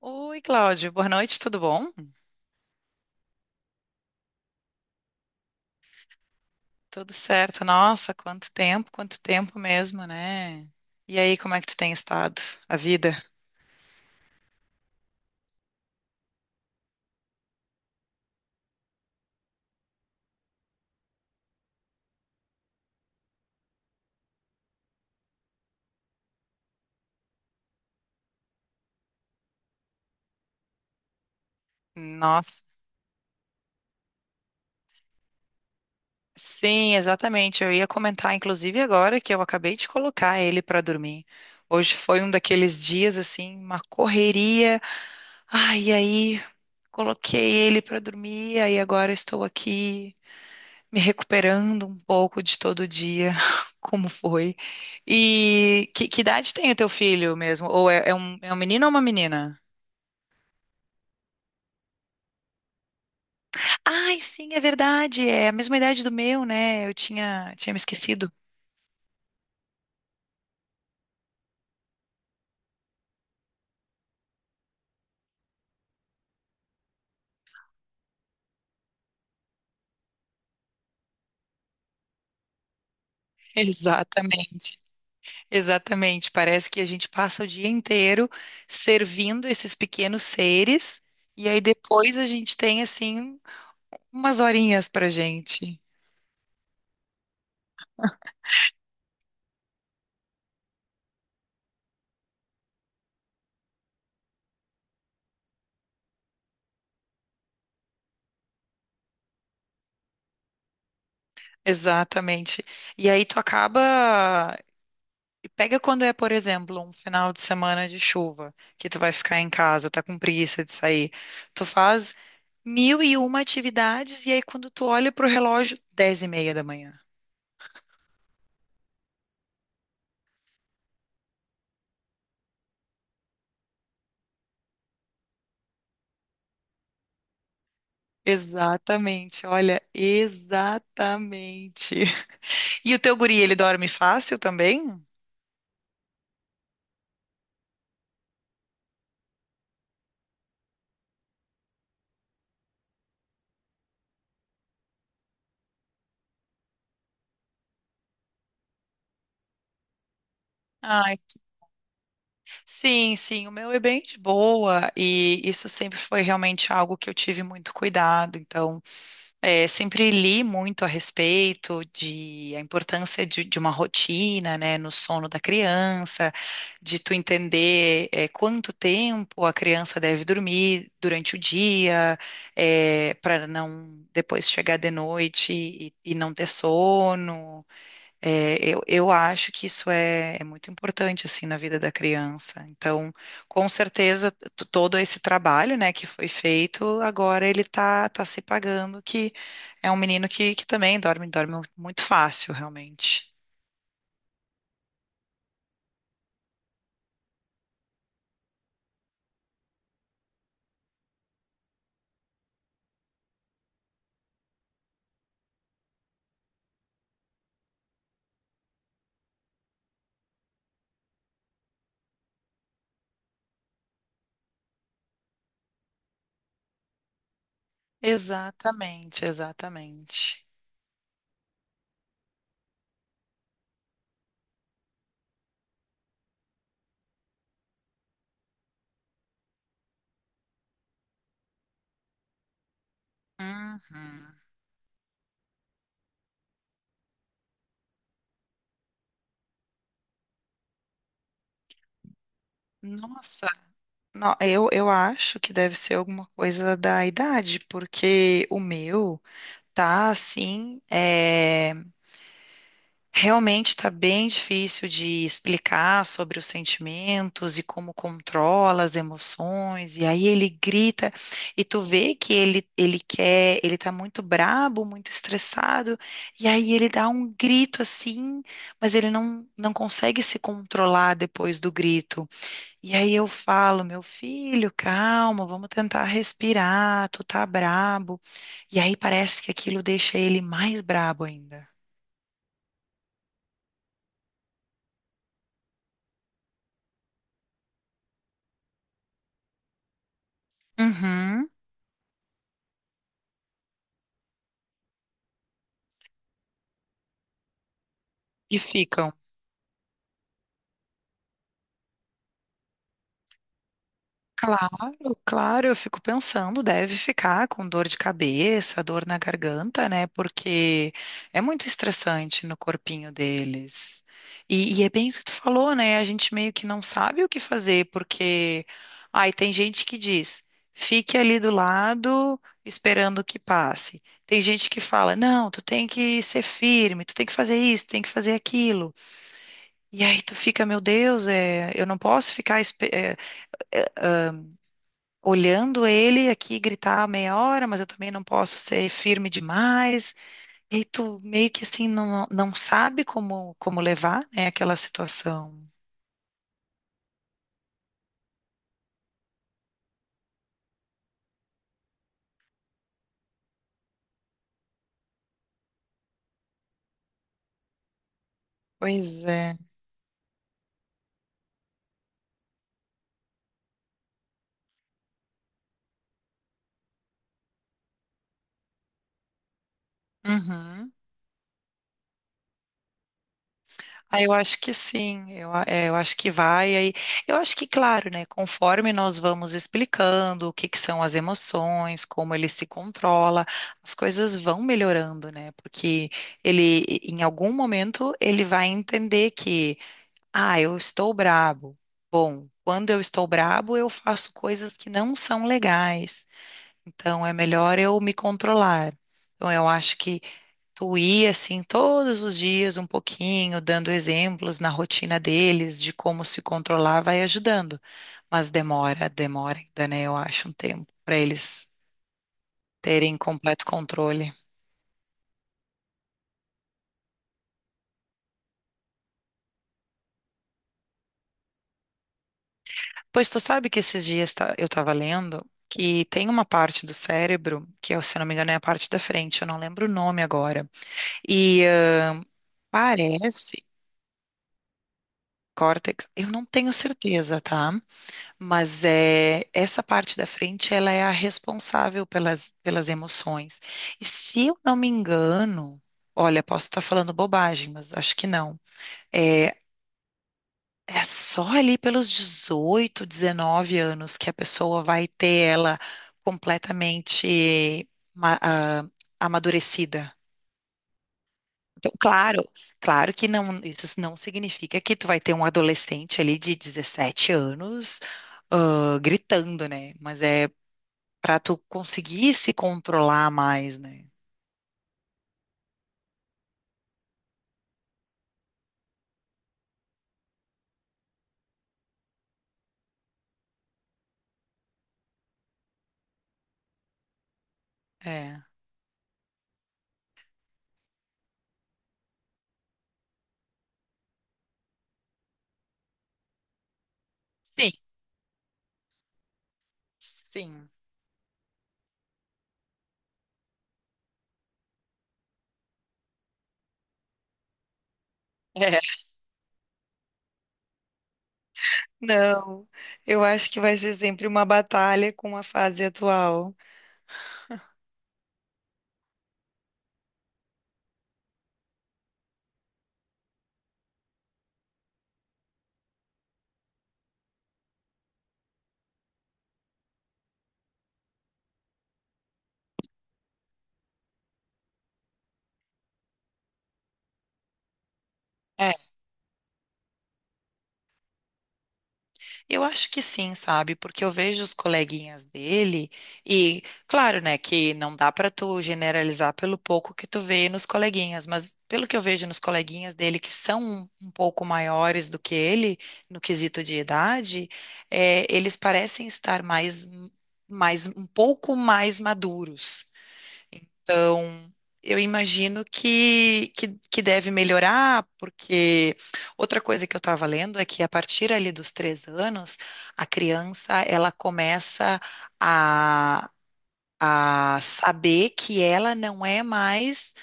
Oi, Cláudio, boa noite, tudo bom? Tudo certo, nossa, quanto tempo mesmo, né? E aí, como é que tu tem estado? A vida? Nossa. Sim, exatamente. Eu ia comentar, inclusive, agora que eu acabei de colocar ele para dormir. Hoje foi um daqueles dias, assim, uma correria. Ai, e aí, coloquei ele para dormir, aí agora estou aqui. Me recuperando um pouco de todo dia, como foi. E que idade tem o teu filho mesmo? Ou é um menino ou uma menina? Ai, sim, é verdade, é a mesma idade do meu, né? Eu tinha me esquecido. Exatamente, exatamente. Parece que a gente passa o dia inteiro servindo esses pequenos seres, e aí depois a gente tem, assim, umas horinhas pra gente. Exatamente. E aí tu acaba Pega quando é, por exemplo, um final de semana de chuva, que tu vai ficar em casa, tá com preguiça de sair. Tu faz mil e uma atividades e aí quando tu olha pro relógio, 10:30 da manhã. Exatamente, olha, exatamente. E o teu guri, ele dorme fácil também? Ai, sim, sim, o meu é bem de boa e isso sempre foi realmente algo que eu tive muito cuidado, então. É, sempre li muito a respeito de a importância de uma rotina, né, no sono da criança, de tu entender quanto tempo a criança deve dormir durante o dia, para não depois chegar de noite e não ter sono. É, eu acho que isso é muito importante assim na vida da criança. Então, com certeza, todo esse trabalho, né, que foi feito, agora ele tá se pagando, que é um menino que também dorme muito fácil, realmente. Exatamente, exatamente. Uhum. Nossa, não, eu acho que deve ser alguma coisa da idade, porque o meu tá assim, realmente está bem difícil de explicar sobre os sentimentos e como controla as emoções. E aí ele grita e tu vê que ele quer, ele tá muito brabo, muito estressado. E aí ele dá um grito assim, mas ele não consegue se controlar depois do grito. E aí eu falo, meu filho, calma, vamos tentar respirar. Tu tá brabo. E aí parece que aquilo deixa ele mais brabo ainda. Uhum. E ficam. Claro, claro, eu fico pensando, deve ficar com dor de cabeça, dor na garganta, né? Porque é muito estressante no corpinho deles. E é bem o que tu falou, né? A gente meio que não sabe o que fazer, porque ai, tem gente que diz, fique ali do lado esperando que passe. Tem gente que fala, não, tu tem que ser firme, tu tem que fazer isso, tem que fazer aquilo. E aí tu fica, meu Deus, eu não posso ficar olhando ele aqui gritar meia hora, mas eu também não posso ser firme demais. E tu meio que assim não sabe como levar, né, aquela situação. Pois é. Uhum. Ah, eu acho que sim, eu acho que vai aí. Eu acho que, claro, né, conforme nós vamos explicando o que que são as emoções, como ele se controla, as coisas vão melhorando, né? Porque ele, em algum momento, ele vai entender que ah, eu estou brabo. Bom, quando eu estou brabo, eu faço coisas que não são legais. Então é melhor eu me controlar. Então eu acho que tu ir assim todos os dias um pouquinho, dando exemplos na rotina deles de como se controlar, vai ajudando. Mas demora, demora ainda, né? Eu acho um tempo para eles terem completo controle. Pois tu sabe que esses dias eu estava lendo que tem uma parte do cérebro, que é, se eu não me engano é a parte da frente, eu não lembro o nome agora. E parece córtex, eu não tenho certeza, tá? Mas é essa parte da frente, ela é a responsável pelas emoções. E se eu não me engano, olha, posso estar falando bobagem, mas acho que não. É, É só ali pelos 18, 19 anos que a pessoa vai ter ela completamente ma- ah, amadurecida. Então, claro, claro que não, isso não significa que tu vai ter um adolescente ali de 17 anos, gritando, né? Mas é para tu conseguir se controlar mais, né? É. Sim, sim. É. Não, eu acho que vai ser sempre uma batalha com a fase atual. É. Eu acho que sim, sabe? Porque eu vejo os coleguinhas dele e, claro, né, que não dá para tu generalizar pelo pouco que tu vê nos coleguinhas, mas pelo que eu vejo nos coleguinhas dele que são um pouco maiores do que ele no quesito de idade, eles parecem estar mais um pouco mais maduros. Então, eu imagino que deve melhorar, porque outra coisa que eu estava lendo é que a partir ali dos 3 anos, a criança ela começa a, a saber que ela não é mais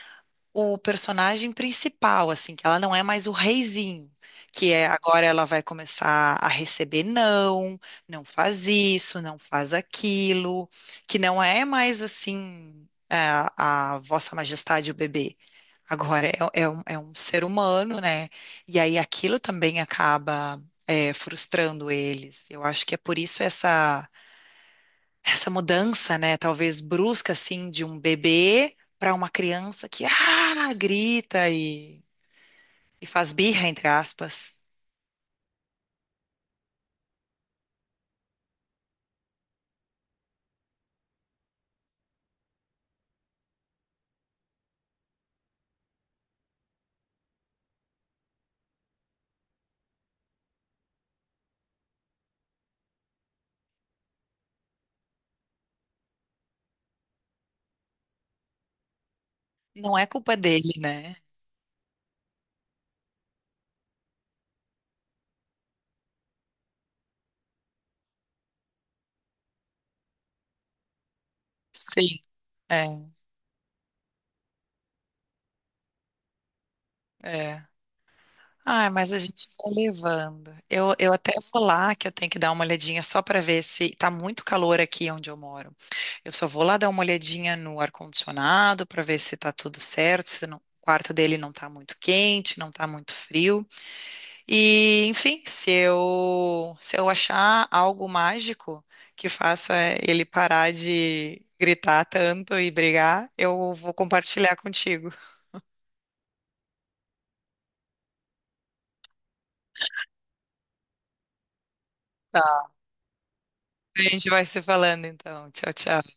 o personagem principal, assim, que ela não é mais o reizinho, que é agora ela vai começar a receber não, não faz isso, não faz aquilo, que não é mais assim a Vossa Majestade o bebê. Agora é um ser humano, né? E aí aquilo também acaba frustrando eles. Eu acho que é por isso essa mudança, né, talvez brusca assim de um bebê para uma criança que grita e faz birra, entre aspas. Não é culpa dele, né? Sim, é, é. Ah, mas a gente vai levando. Eu até vou lá que eu tenho que dar uma olhadinha só para ver se tá muito calor aqui onde eu moro. Eu só vou lá dar uma olhadinha no ar-condicionado para ver se tá tudo certo, se não- o quarto dele não tá muito quente, não tá muito frio. E, enfim, se eu achar algo mágico que faça ele parar de gritar tanto e brigar, eu vou compartilhar contigo. Tá. A gente vai se falando então. Tchau, tchau.